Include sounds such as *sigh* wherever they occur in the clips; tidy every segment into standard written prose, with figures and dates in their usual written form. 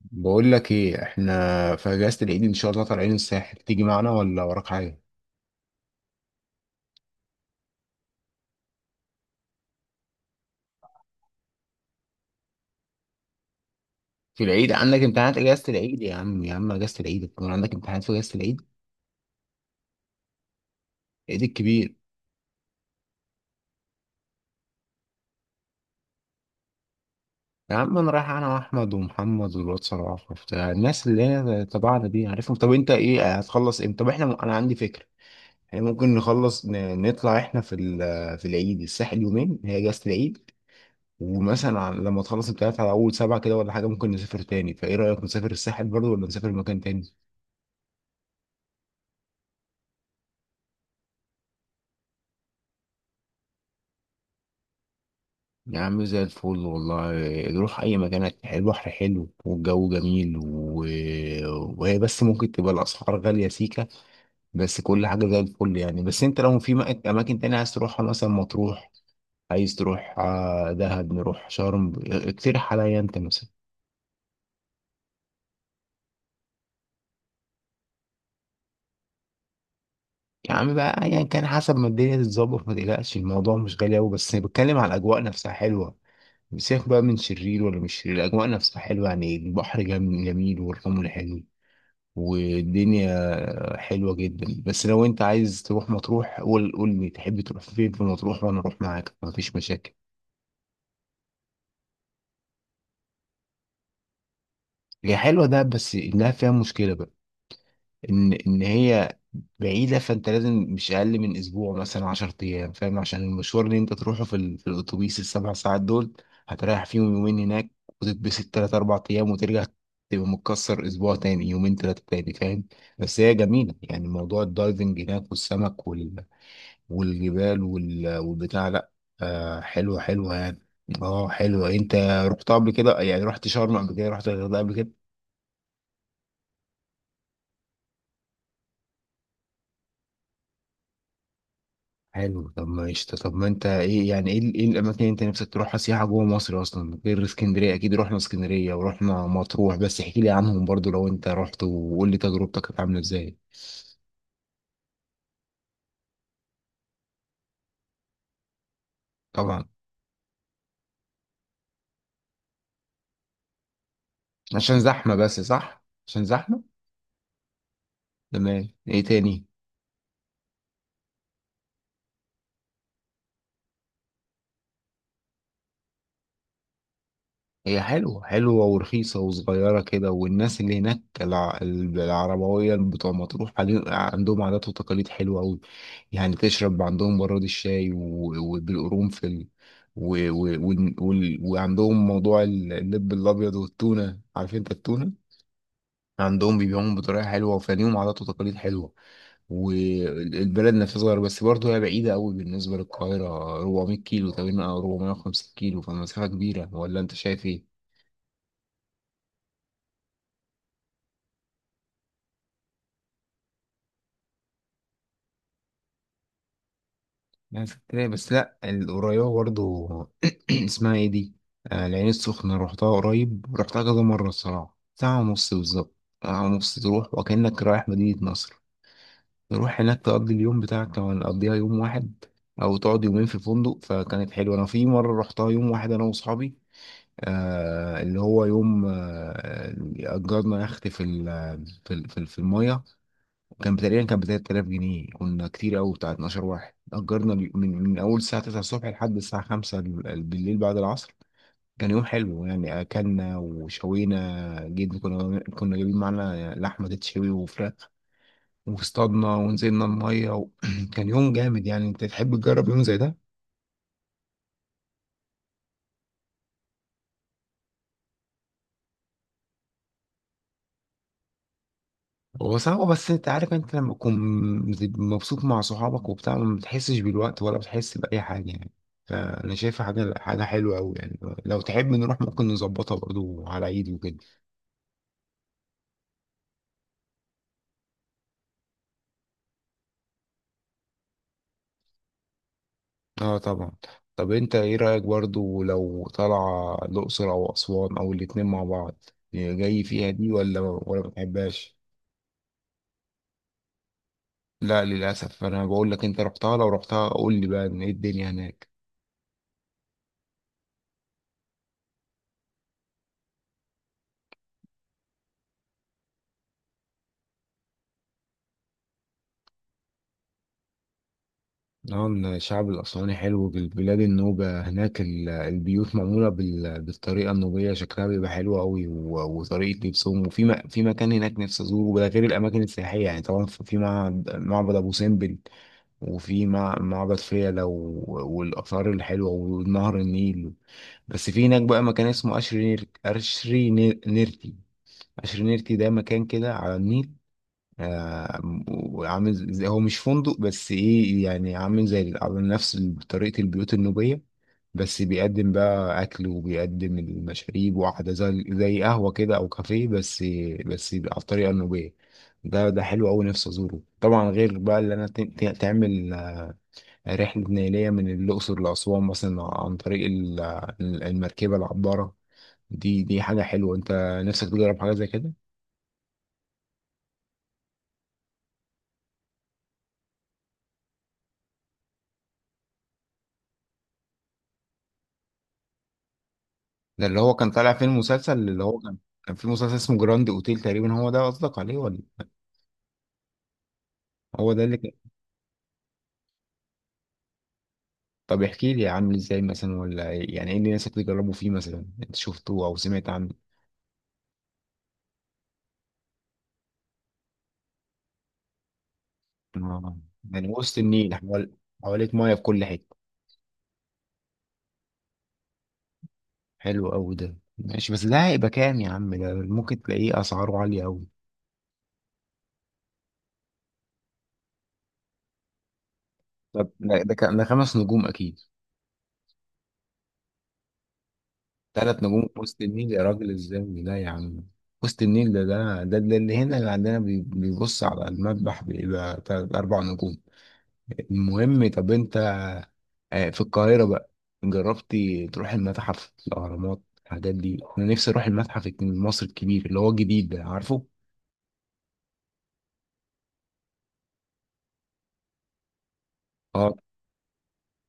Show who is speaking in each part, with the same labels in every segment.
Speaker 1: بقول لك ايه، احنا في اجازه العيد ان شاء الله طالعين الساحل. تيجي معنا ولا وراك حاجه؟ في العيد عندك امتحانات؟ اجازه العيد يا عم، يا عم اجازه العيد يكون عندك امتحانات في اجازه العيد؟ العيد الكبير. يا عم انا رايح انا واحمد ومحمد والواد صلاح وبتاع الناس اللي هي تبعنا دي، عارفهم. طب انت ايه هتخلص امتى؟ طب احنا انا عندي فكره. احنا ممكن نخلص نطلع احنا في في العيد الساحل يومين، هي اجازه العيد. ومثلا لما تخلص امتحانات على اول سبعه كده ولا حاجه ممكن نسافر تاني. فايه رايك، نسافر الساحل برضه ولا نسافر مكان تاني؟ يا عم زي الفل والله. نروح أي مكان البحر حلو والجو جميل وهي بس ممكن تبقى الأسعار غالية سيكة. بس كل حاجة زي الفل يعني. بس أنت لو في أماكن تانية عايز تروحها، مثلا مطروح عايز تروح، دهب نروح، شرم، اقترح عليا أنت مثلا. يا عم بقى، يعني كان حسب ما الدنيا تتظبط. ما تقلقش، الموضوع مش غالي أوي، بس بتكلم على الأجواء نفسها حلوة. سيبك بقى من شرير ولا مش شرير، الأجواء نفسها حلوة يعني. البحر جميل والرمل حلو. والدنيا حلوة جدا. بس لو انت عايز تروح مطروح قول لي تحب تروح فين في مطروح وانا اروح معاك مفيش مشاكل. هي حلوة ده، بس انها فيها مشكلة بقى، ان هي بعيدة. فانت لازم مش اقل من اسبوع، مثلا 10 ايام، فاهم؟ عشان المشوار اللي انت تروحه في الاتوبيس، السبع ساعات دول هتريح فيهم يومين هناك، وتتبسط تلات اربع ايام وترجع. تبقى متكسر اسبوع تاني يومين تلاتة تاني، فاهم؟ بس هي جميلة يعني، موضوع الدايفنج هناك والسمك والجبال والبتاع، لا آه، حلوة حلوة يعني. اه حلوة. انت رحت قبل كده؟ يعني رحت شرم قبل كده، رحت الغردقة قبل كده؟ حلو طب ماشي. طب ما انت ايه يعني، ايه ايه الاماكن اللي انت نفسك تروحها سياحة جوه مصر اصلا غير اسكندرية؟ اكيد رحنا اسكندرية ورحنا مطروح، بس احكي لي عنهم برضو لو انت رحت، وقول لي تجربتك كانت عاملة ازاي. طبعا. عشان زحمة بس، صح عشان زحمة. تمام. ايه تاني؟ هي حلوة حلوة ورخيصة وصغيرة كده، والناس اللي هناك العربوية بتوع مطروح عندهم عادات وتقاليد حلوة أوي. يعني تشرب عندهم براد الشاي وبالقرنفل وعندهم موضوع اللب الأبيض والتونة، عارف أنت التونة؟ عندهم بيبيعوهم بطريقة حلوة، وفنيهم عادات وتقاليد حلوة. والبلد نفسها صغيرة، بس برضه هي بعيدة أوي بالنسبة للقاهرة، 400 كيلو تقريبا أو 450 كيلو، فمسافة كبيرة ولا أنت شايف إيه؟ ناس كتير، بس لا القريبة برضو *clears throat* اسمها ايه دي؟ آه العين السخنة، روحتها قريب، روحتها كذا مرة، الصراحة ساعة ونص بالظبط. ساعة ونص تروح وكأنك رايح مدينة نصر. تروح هناك تقضي اليوم بتاعك لو هنقضيها يوم واحد، أو تقعد يومين في فندق. فكانت حلوة. أنا في مرة روحتها يوم واحد أنا وأصحابي، آه اللي هو يوم، آه أجرنا يخت في المية. كان تقريبا كان ب 3000 جنيه، كنا كتير قوي بتاع 12 واحد. اجرنا من اول الساعه 9 الصبح لحد الساعه 5 بالليل بعد العصر. كان يوم حلو يعني، اكلنا وشوينا جدا، كنا جايبين معانا لحمه تتشوي وفراخ، واصطادنا ونزلنا الميه *clears throat* كان يوم جامد يعني. انت تحب تجرب يوم زي ده؟ هو صعب، بس انت عارف انت لما تكون مبسوط مع صحابك وبتاع ما بتحسش بالوقت ولا بتحس بأي حاجة يعني. فأنا شايفها حاجة حاجة حلوة أوي يعني. لو تحب نروح ممكن نظبطها برضو على عيد وكده. اه طبعا. طب انت ايه رأيك برضو لو طالعة الأقصر أو أسوان أو الاتنين مع بعض، جاي فيها دي ولا بتحبهاش؟ لا للأسف، أنا بقول لك، انت رحتها؟ لو رحتها قول لي بقى ان ايه الدنيا هناك. نعم الشعب الأسواني حلو، بالبلاد النوبة هناك البيوت معمولة بالطريقة النوبية، شكلها بيبقى حلو أوي، و- وطريقة لبسهم. وفي في مكان هناك نفسي أزوره، ده غير الأماكن السياحية يعني، طبعا في معبد، معبد أبو سمبل، وفي معبد فيلة والآثار الحلوة ونهر النيل. بس في هناك بقى مكان اسمه نيرتي. أشري نيرتي ده مكان كده على النيل، آه، وعامل زي، هو مش فندق، بس ايه يعني، عامل زي على نفس طريقة البيوت النوبية، بس بيقدم بقى أكل وبيقدم المشاريب وقعدة زي قهوة كده أو كافيه، بس بس يبقى على الطريقة النوبية. ده ده حلو أوي، نفسي أزوره طبعا، غير بقى اللي أنا تعمل رحلة نيلية من الأقصر لأسوان مثلا عن طريق المركبة، العبارة. دي دي حاجة حلوة، أنت نفسك تجرب حاجة زي كده؟ ده اللي هو كان طالع فيه المسلسل اللي هو كان، كان في مسلسل اسمه جراند اوتيل تقريبا، هو ده قصدك عليه ولا؟ هو ده اللي كان. طب احكي لي عامل ازاي مثلا، ولا يعني ايه اللي الناس بتجربوا فيه، مثلا انت شفته او سمعت عنه. آه. يعني وسط النيل حواليك ميه في كل حته. حلو قوي ده، ماشي. بس ده هيبقى كام يا عم؟ ده ممكن تلاقيه اسعاره عاليه قوي. طب ده ده كان ده 5 نجوم اكيد؟ 3 نجوم في وسط النيل يا راجل ازاي؟ لا يا عم. وسط النيل ده اللي هنا اللي عندنا بيبص على المذبح بيبقى تلات أربع نجوم. المهم طب أنت، في القاهرة بقى، جربتي تروح المتحف، الأهرامات، الحاجات دي؟ أنا نفسي أروح المتحف المصري الكبير اللي هو جديد ده، عارفه؟ آه.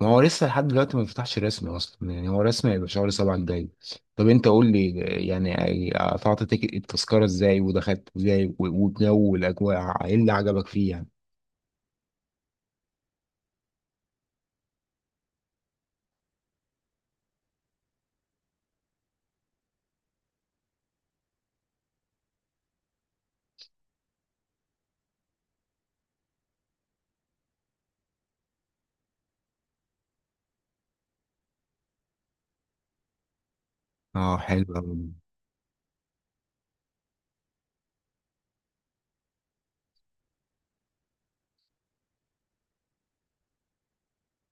Speaker 1: ما هو لسه لحد دلوقتي ما بيفتحش رسمي اصلا. يعني هو رسمي هيبقى شهر 7 الجاي. طب انت قول لي يعني التذكرة ازاي ودخلت ازاي والجو والاجواء ايه اللي عجبك فيه يعني. اه حلو أوي.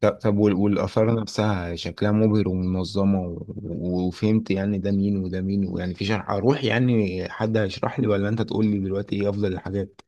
Speaker 1: طب والاثار نفسها شكلها مبهر ومنظمة وفهمت يعني ده مين وده مين؟ ويعني في شرح، اروح يعني حد هيشرح لي ولا انت تقول لي دلوقتي ايه افضل الحاجات.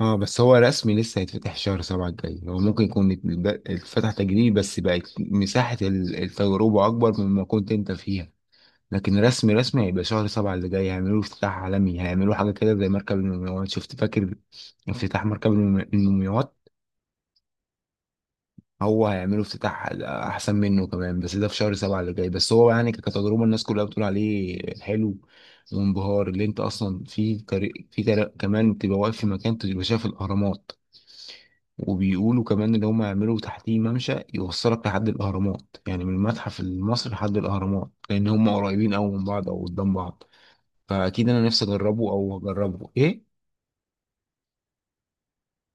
Speaker 1: اه، بس هو رسمي لسه هيتفتح شهر سبعة الجاي. هو ممكن يكون اتفتح تجريبي، بس بقت مساحة التجربة أكبر مما كنت أنت فيها، لكن رسمي رسمي هيبقى شهر سبعة اللي جاي. هيعملوا افتتاح عالمي، هيعملوا حاجة كده زي مركب المومياوات، شفت فاكر افتتاح مركب المومياوات؟ هو هيعملوا افتتاح احسن منه كمان، بس ده في شهر سبعة اللي جاي. بس هو يعني كتجربة الناس كلها بتقول عليه حلو وانبهار، اللي انت اصلا في طريق كمان تبقى واقف في مكان تبقى شايف الاهرامات. وبيقولوا كمان ان هم يعملوا تحتيه ممشى يوصلك لحد الاهرامات، يعني من المتحف المصري لحد الاهرامات، لان هم قريبين قوي من بعض او قدام بعض. فاكيد انا نفسي اجربه، او اجربه ايه.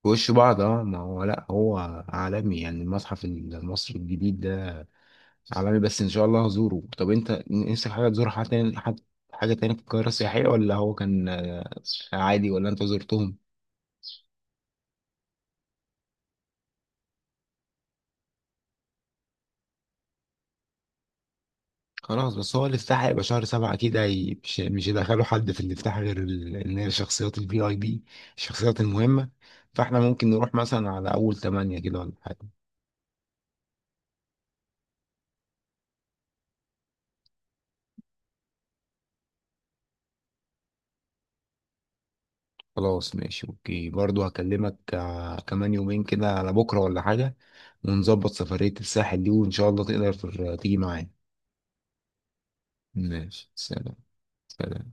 Speaker 1: في وش بعض. اه ما هو، لا هو عالمي يعني، المتحف المصري الجديد ده عالمي. بس ان شاء الله هزوره. طب انت نفسك حاجه تزور حاجه تاني، حاجة تاني في القاهره السياحيه، ولا هو كان عادي، ولا انت زرتهم؟ خلاص. بس هو الافتتاح هيبقى شهر سبعة أكيد، مش هيدخلوا حد في الافتتاح غير إن هي الشخصيات الفي أي بي، الشخصيات المهمة. فاحنا ممكن نروح مثلا على أول 8 كده ولا حاجة. خلاص ماشي أوكي، برضو هكلمك كمان يومين كده على بكرة ولا حاجة، ونظبط سفرية الساحل دي وإن شاء الله تقدر تيجي معايا. ماشي سلام. سلام.